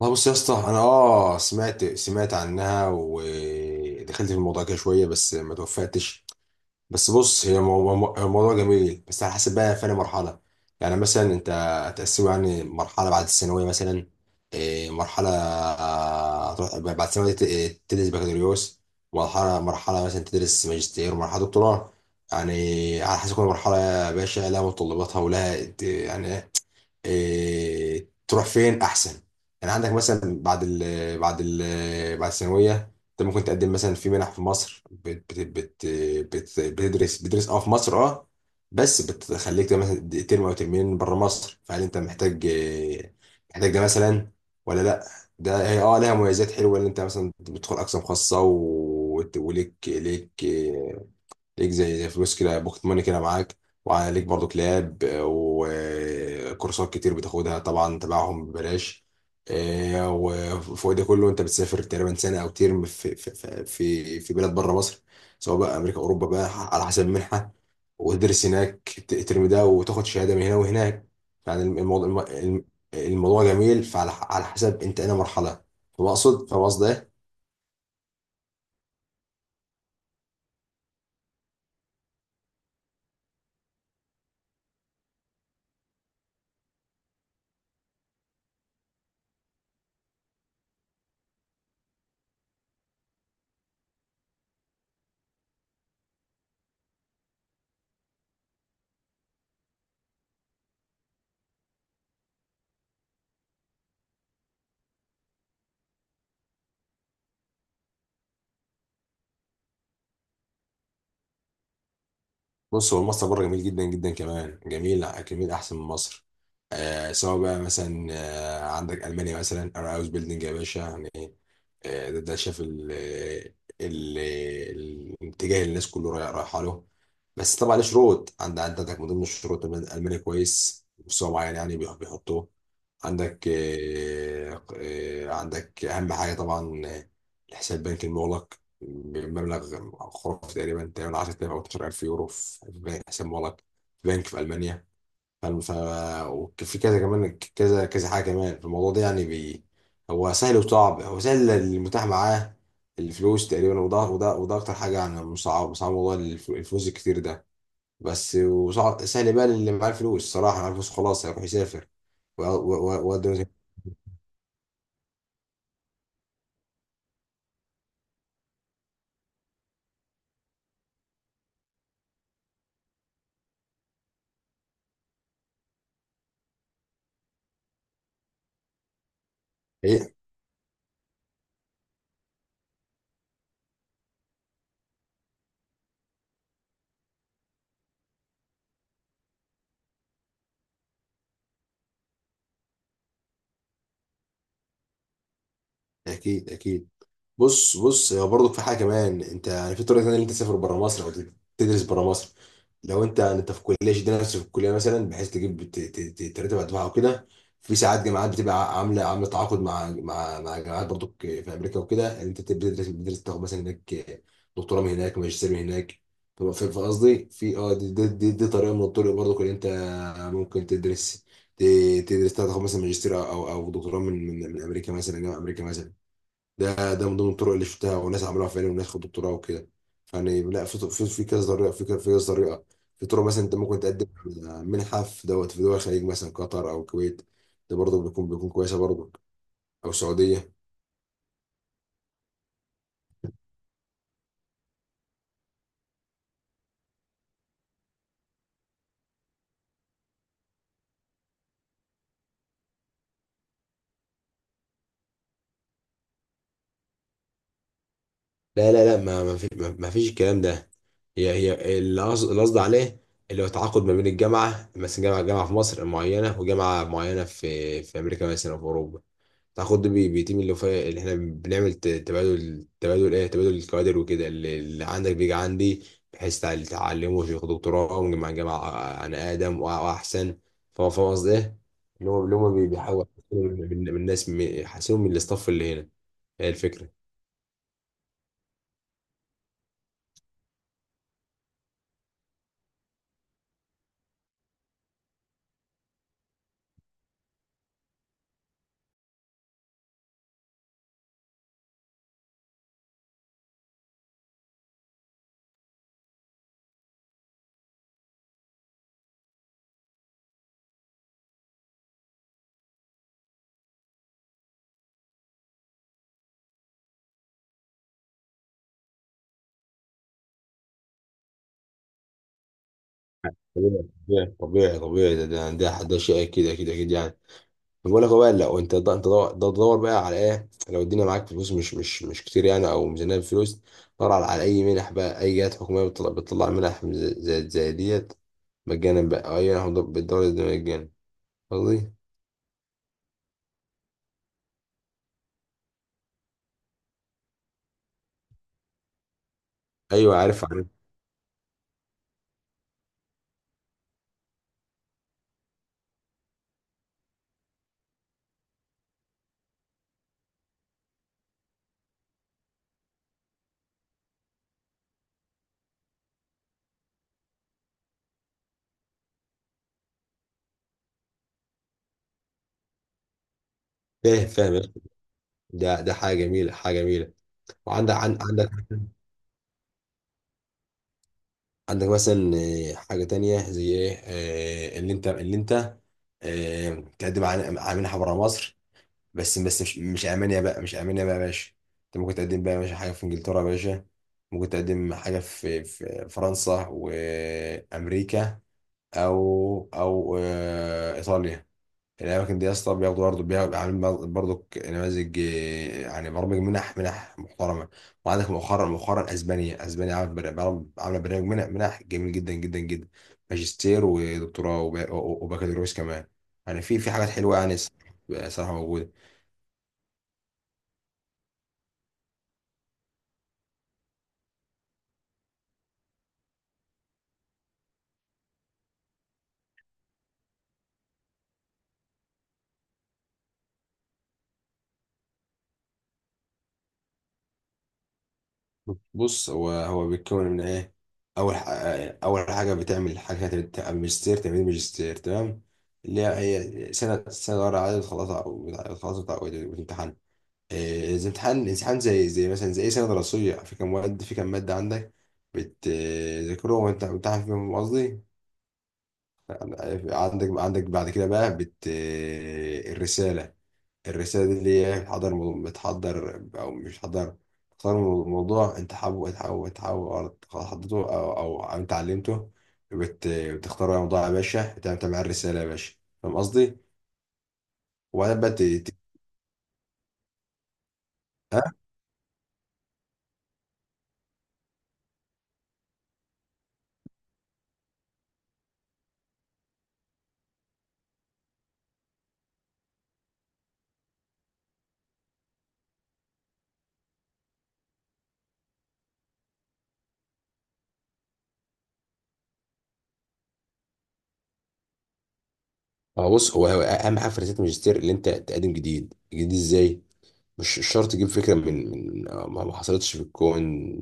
والله، بص يا اسطى، انا سمعت عنها ودخلت في الموضوع كده شويه، بس ما توفقتش. بس بص، هي الموضوع جميل، بس على حسب بقى فين مرحله. يعني مثلا انت هتقسمه يعني مرحله بعد الثانويه مثلا. مرحله، هتروح بعد الثانويه ت- إيه، تدرس بكالوريوس. مرحله مثلا تدرس ماجستير، ومرحله دكتوراه. يعني على حسب كل مرحله يا باشا لها متطلباتها، ولها يعني تروح فين احسن. يعني عندك مثلا بعد الثانويه، انت ممكن تقدم مثلا في منح في مصر. بت بت بت بت بتدرس بتدرس اه في مصر. اه بس بتخليك ده مثلا ترم او ترمين بره مصر، فهل انت محتاج محتاج ده مثلا ولا لا؟ ده هي لها مميزات حلوه، ان انت مثلا بتدخل اقسام خاصه، و- وت- وليك ليك ليك زي فلوس كده، بوكت ماني كده معاك. وعليك برضو لاب، وكورسات كتير بتاخدها طبعا تبعهم ببلاش. وفوق ده كله، انت بتسافر تقريبا سنه او ترم في بلاد بره مصر، سواء بقى امريكا، اوروبا بقى، على حسب المنحه. وتدرس هناك الترم ده، وتاخد شهاده من هنا وهناك. يعني الموضوع جميل، على حسب انت انا مرحله. فبقصد، فاهم قصدي إيه؟ بص، هو مصر بره جميل جدا جدا، كمان جميل جميل احسن من مصر. سواء بقى مثلا، عندك المانيا مثلا. انا هاوس بيلدينج يا باشا يعني. ده شاف ال الاتجاه اللي الناس كله رايحه له. بس طبعا له شروط، عندك من ضمن الشروط إن المانيا كويس، مستوى معين يعني بيحطوه عندك. عندك أهم حاجة طبعا، الحساب البنكي المغلق بمبلغ خرافي، تقريبا 10000 أو 12000 يورو في حساب مغلق في بنك في ألمانيا. فالم- ف وفي كذا كمان كذا كذا حاجة كمان في الموضوع ده، يعني هو سهل وصعب. هو سهل اللي متاح معاه الفلوس تقريبا، وده أكتر حاجة، يعني مصعب مصعب موضوع الفلوس الكتير ده. بس وصعب. سهل بقى اللي معاه الفلوس، صراحة معاه الفلوس خلاص هيروح يسافر. هي اكيد اكيد. بص هو برضه في حاجه كمان. انت يعني في طريقه ثانيه اللي انت تسافر بره مصر او تدرس بره مصر. لو انت في كليه، شد نفسك في الكليه مثلا بحيث تجيب ترتب على الدفعه وكده. في ساعات جامعات بتبقى عامله تعاقد مع جامعات برضو في امريكا وكده، ان انت بتدرس تاخد مثلا هناك دكتوراه من هناك، ماجستير من هناك. في قصدي في دي طريقه من الطرق برضو، ان انت ممكن تدرس تاخد مثلا ماجستير او او أو دكتوراه من امريكا مثلا، جامعه امريكا مثلا. ده من ضمن الطرق اللي شفتها، وناس عملوها فعلا، وناس خدوا دكتوراه وكده. فيعني لا، في كذا طريقه، في كذا في كذا طريقه. في طرق مثلا انت ممكن تقدم على منحه، في دول الخليج مثلا، قطر او الكويت. ده برضه بيكون كويسه برضه، او السعوديه. لا لا لا، ما ما في، ما فيش الكلام ده. هي اللي قصدي عليه، اللي هو تعاقد ما بين الجامعه، مثلا جامعه في مصر معينه، وجامعه معينه في امريكا مثلا او في اوروبا، تاخد بتيم اللي فيه، اللي احنا بنعمل تبادل، تبادل ايه، تبادل الكوادر وكده. اللي عندك بيجي عندي، بحيث تعلمه ياخد دكتوراه من مع جامعة، عن آدم وأحسن. فهو، فاهم قصدي ايه؟ اللي هو بيحاول يحسنوا من الناس، يحسنوا من الاستاف اللي هنا. هي الفكرة. طبيعي طبيعي طبيعي، ده شيء أكيد أكيد أكيد يعني. بقول لك، هو بقى لو انت ده، تدور بقى على ايه. لو الدنيا معاك فلوس مش كتير يعني، او ميزانيه فلوس، دور على اي منح بقى، اي جهات حكوميه بتطلع منح زي ديت مجانا بقى، او اي منح بالدوله دي مجانا، قصدي. ايوه عارف عارف. فاهم فاهم يا أخي. ده حاجه جميله حاجه جميله. عندك عندك مثلا، حاجه تانية زي ايه، اللي انت تقدم على منحه بره مصر، بس مش المانيا بقى. مش المانيا بقى يا باشا. انت ممكن تقدم بقى يا باشا حاجه في انجلترا يا باشا، ممكن تقدم حاجه في فرنسا وامريكا، او او ايطاليا. الاماكن دي يا اسطى بياخدوا، برضه بياخدوا عاملين برضه نماذج، يعني برامج منح محترمه. وعندك مؤخرا مؤخرا اسبانيا اسبانيا عامله، برنامج منح جميل جدا جدا جدا، ماجستير ودكتوراه وبكالوريوس كمان. يعني في حاجات حلوه يعني، صراحه موجوده. بص، هو بيتكون من ايه. اول ح- اول حاجه بتعمل حاجه، ماجستير تمريض ماجستير تمام، اللي هي سنه سنه ورا عدد، خلاص او خلاص بتاع الامتحان، زي امتحان امتحان، زي زي مثلا زي اي سنه دراسيه، في كام مواد، في كام ماده عندك، بتذاكرهم وانت بتمتحن فيهم، قصدي. عندك بعد كده بقى الرساله الرسالة دي اللي هي بتحضر بتحضر، أو مش بتحضر. تختار موضوع أنت حابه حابه حابه، أو حضرته، أو أنت علمته. بتختار بقى موضوع يا باشا، تعمل عليه الرسالة يا باشا. فاهم قصدي؟ وبعدين بقى ت- ها؟ هو بص، هو أهم حاجة في رسالة الماجستير اللي أنت تقدم جديد، جديد إزاي؟ مش شرط تجيب فكرة من ما ما حصلتش في الكون،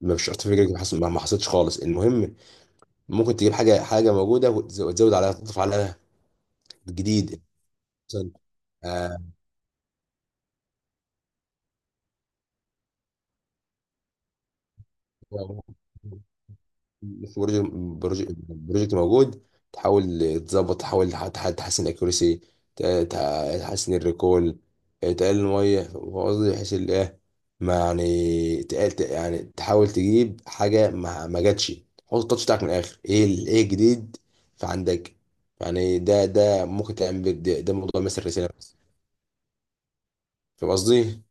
ما مش شرط فكرة ما حصلتش خالص، المهم ممكن تجيب حاجة موجودة، وتزود عليها، تضيف عليها جديد مثلا. آه، يعني في بروجكت موجود، تحاول تظبط، تحاول تحسن الاكيورسي، تحسن الريكول، تقلل الميه. فاهم قصدي؟ بحيث ايه، ما يعني تقل، يعني تحاول تجيب حاجه ما جاتش. حط التاتش بتاعك من الاخر، ايه ايه الجديد في عندك. يعني ده ممكن تعمل ده موضوع مثل الرساله بس. فاهم قصدي؟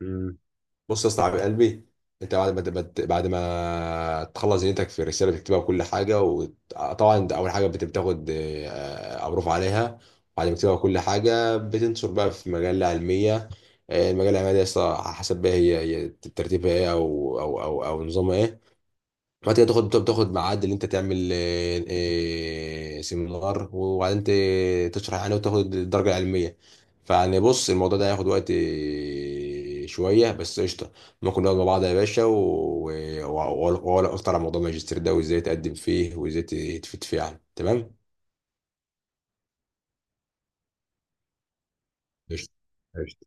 مم. بص يا اسطى يا قلبي، انت بعد ما بعد ما تخلص دنيتك في الرساله، بتكتبها بكل حاجه، وطبعا انت اول حاجه بتاخد امروف عليها. بعد ما تكتبها كل حاجه، بتنشر بقى في مجله علميه. المجله العلميه دي يا اسطى حسب بقى هي ترتيبها ايه، او نظامها ايه. بعد كده تاخد ميعاد اللي انت تعمل سيمينار، وبعدين تشرح يعني وتاخد الدرجه العلميه. فيعني بص، الموضوع ده هياخد وقت شويه بس قشطه. ممكن نقعد مع بعض يا باشا، واقول اكتر عن موضوع الماجستير ده، وازاي تقدم فيه، وازاي تفيد فيه، يعني تمام. قشطه. قشطة.